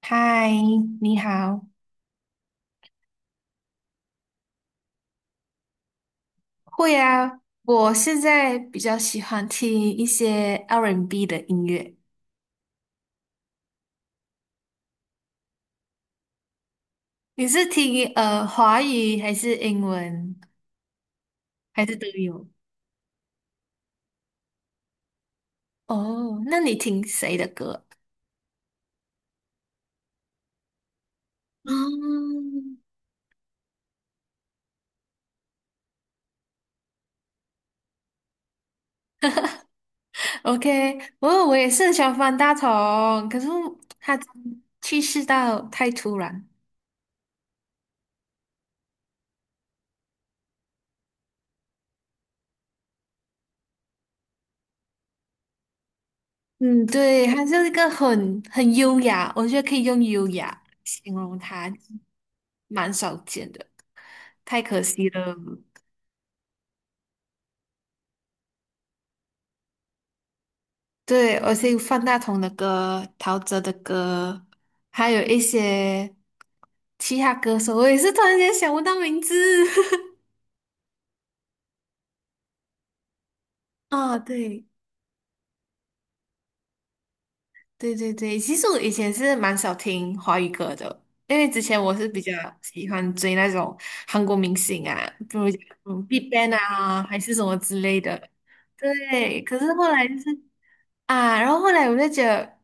嗨，你好。会啊，我现在比较喜欢听一些 R&B and B 的音乐。你是听华语还是英文还是都有？哦，那你听谁的歌？嗯，OK，我也是很喜欢方大同，可是他去世到太突然。嗯，对，他就是一个很优雅，我觉得可以用优雅形容他，蛮少见的，太可惜了。对，而且有范大同的歌、陶喆的歌，还有一些其他歌手，我也是突然间想不到名字。啊。对。对对对，其实我以前是蛮少听华语歌的，因为之前我是比较喜欢追那种韩国明星啊，比如讲BigBang 啊，还是什么之类的。对，可是后来就是啊，然后后来我就觉得，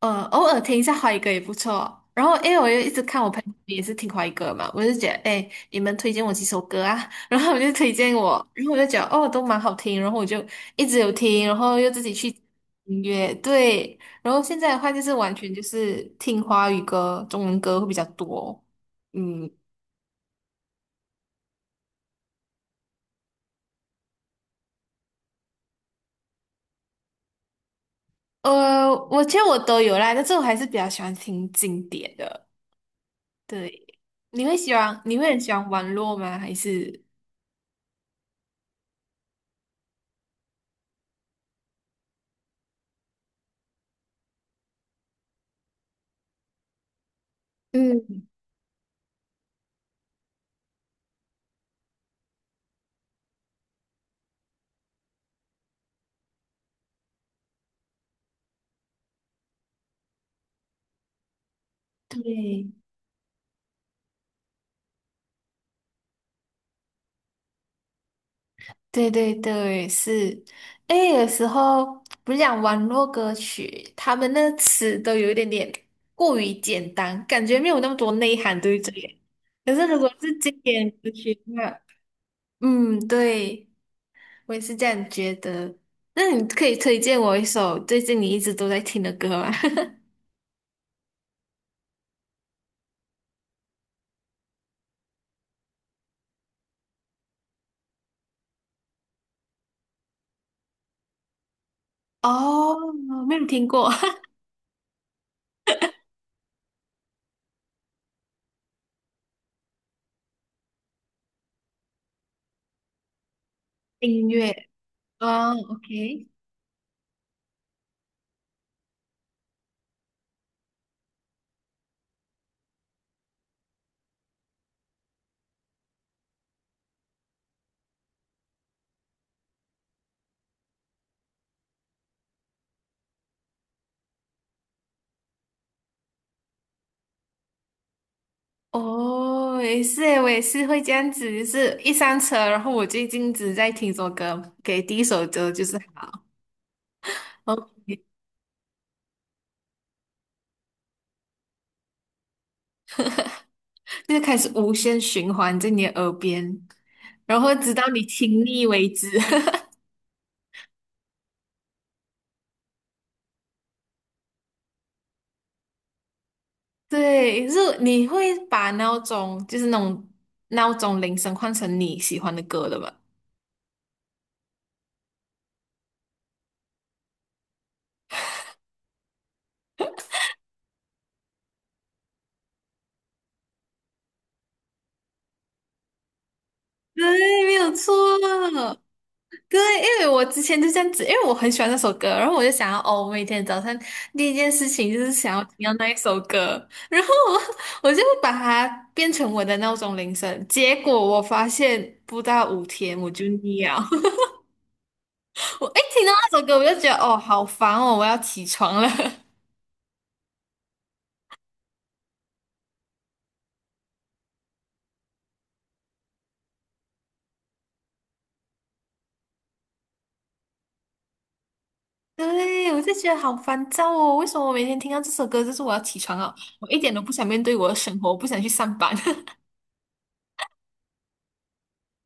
偶尔听一下华语歌也不错。然后因为我又一直看我朋友也是听华语歌嘛，我就觉得，哎，你们推荐我几首歌啊？然后我就推荐我，然后我就觉得，哦，都蛮好听。然后我就一直有听，然后又自己去音乐，对。然后现在的话就是完全就是听华语歌、中文歌会比较多。嗯，我其实我都有啦，但是我还是比较喜欢听经典的。对，你会喜欢，你会很喜欢网络吗？还是？嗯，对，对对对，是。哎，有时候不是讲网络歌曲，他们那词都有一点点过于简单，感觉没有那么多内涵，对不对？可是如果是经典歌曲的话，嗯，对，我也是这样觉得。那你可以推荐我一首最近你一直都在听的歌吗？哦，没有听过 音乐。哦，OK。哦，也是诶，我也是会这样子，就是一上车，然后我最近只在听首歌，给第一首歌就是好，然后就开始无限循环在你的耳边，然后直到你听腻为止。对，就是你会把闹钟，就是那种闹钟铃声换成你喜欢的歌的吧？对，没有错。对，因为我之前就这样子，因为我很喜欢那首歌，然后我就想要，哦，我每天早上第一件事情就是想要听到那一首歌，然后我就把它变成我的闹钟铃声。结果我发现不到五天我就腻了，我一听到那首歌我就觉得，哦，好烦哦，我要起床了。对，我就觉得好烦躁哦，为什么我每天听到这首歌就是我要起床了？我一点都不想面对我的生活，我不想去上班。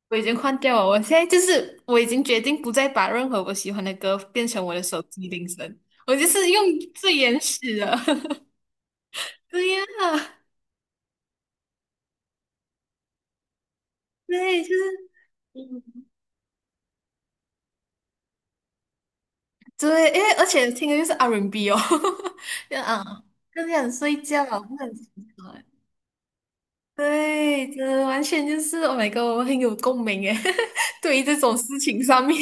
我已经换掉了，我现在就是我已经决定不再把任何我喜欢的歌变成我的手机铃声，我就是用最原始的。对呀，对，就是嗯，对，因为而且听的就是 R&B 哦，就啊，更想睡觉，不想起床。对，真的完全就是 Oh my God，我很有共鸣耶，对于这种事情上面，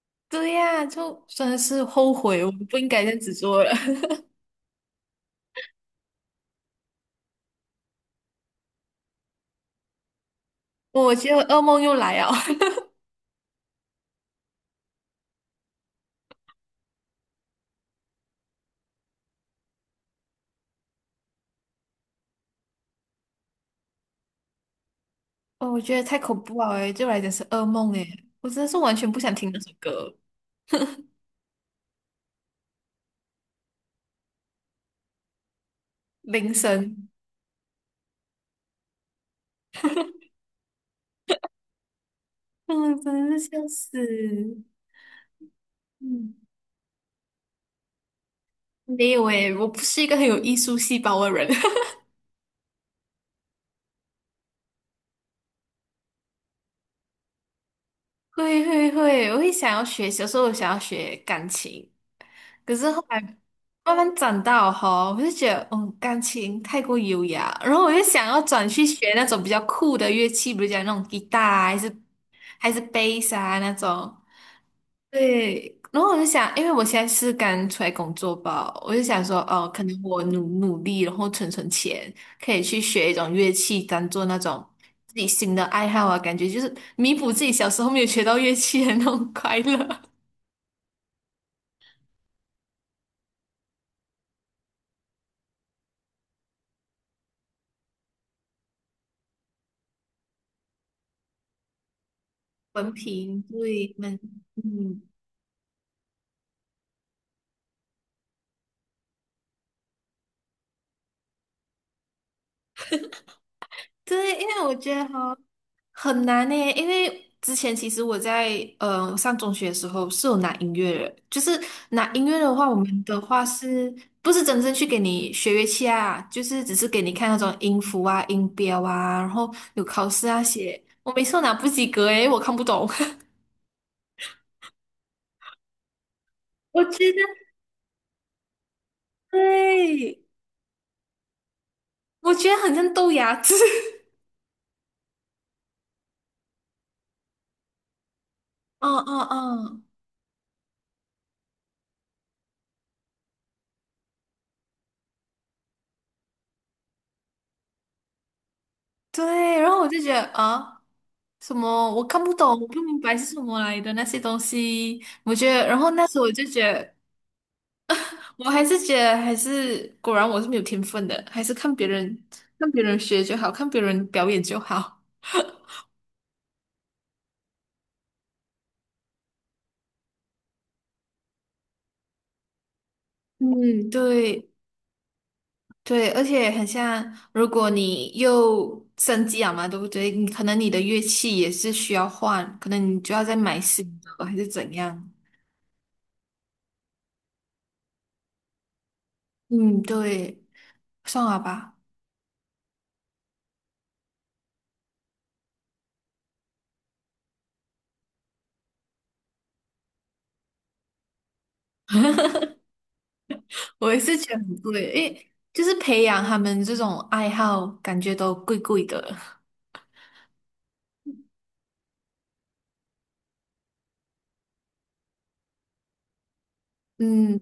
对呀，就真的是后悔，我不应该这样子做了，我觉得噩梦又来了。哦，我觉得太恐怖了诶，对我来讲是噩梦诶，我真的是完全不想听那首歌，铃声，嗯，真的是笑死。嗯，没有诶，我不是一个很有艺术细胞的人。会会会，我会想要学，小时候我想要学钢琴，可是后来慢慢长大哈，我就觉得，嗯，钢琴太过优雅，然后我就想要转去学那种比较酷的乐器，比如讲那种吉他啊，还是贝斯啊那种。对，然后我就想，因为我现在是刚出来工作吧，我就想说，哦，可能我努努力，然后存存钱，可以去学一种乐器，当做那种自己新的爱好啊，感觉就是弥补自己小时候没有学到乐器的那种快乐。文凭，对，们，嗯，对，因为我觉得哈。很难呢，因为之前其实我在上中学的时候是有拿音乐的，就是拿音乐的话，我们的话是不是真正去给你学乐器啊？就是只是给你看那种音符啊、音标啊，然后有考试啊写。我每次都拿不及格诶，我看不懂。我觉得对，我觉得很像豆芽子。嗯嗯嗯，对。然后我就觉得啊。什么我看不懂，我不明白是什么来的那些东西，我觉得，然后那时候我就觉得我还是觉得还是果然我是没有天分的，还是看别人学就好，看别人表演就好。嗯，对对，而且很像，如果你又升级了嘛，对不对？你可能你的乐器也是需要换，可能你就要再买新的，还是怎样？嗯，对，算了吧，我也是觉得很贵，诶，就是培养他们这种爱好，感觉都贵贵的。嗯，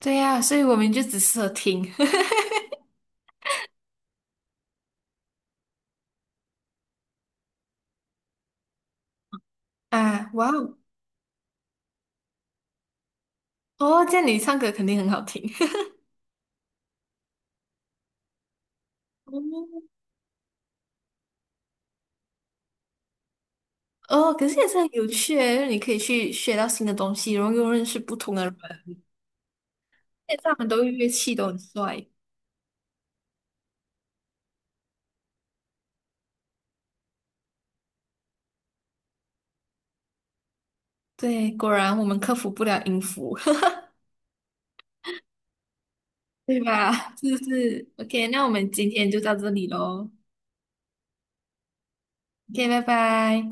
对呀，所以我们就只适合听 啊，哇哦。哦，这样你唱歌肯定很好听。哦，哦，可是也是很有趣诶，就是你可以去学到新的东西，然后又认识不同的人。现在他们都乐器都很帅，对，果然我们克服不了音符。对吧？是不是？OK，那我们今天就到这里喽。OK，拜拜。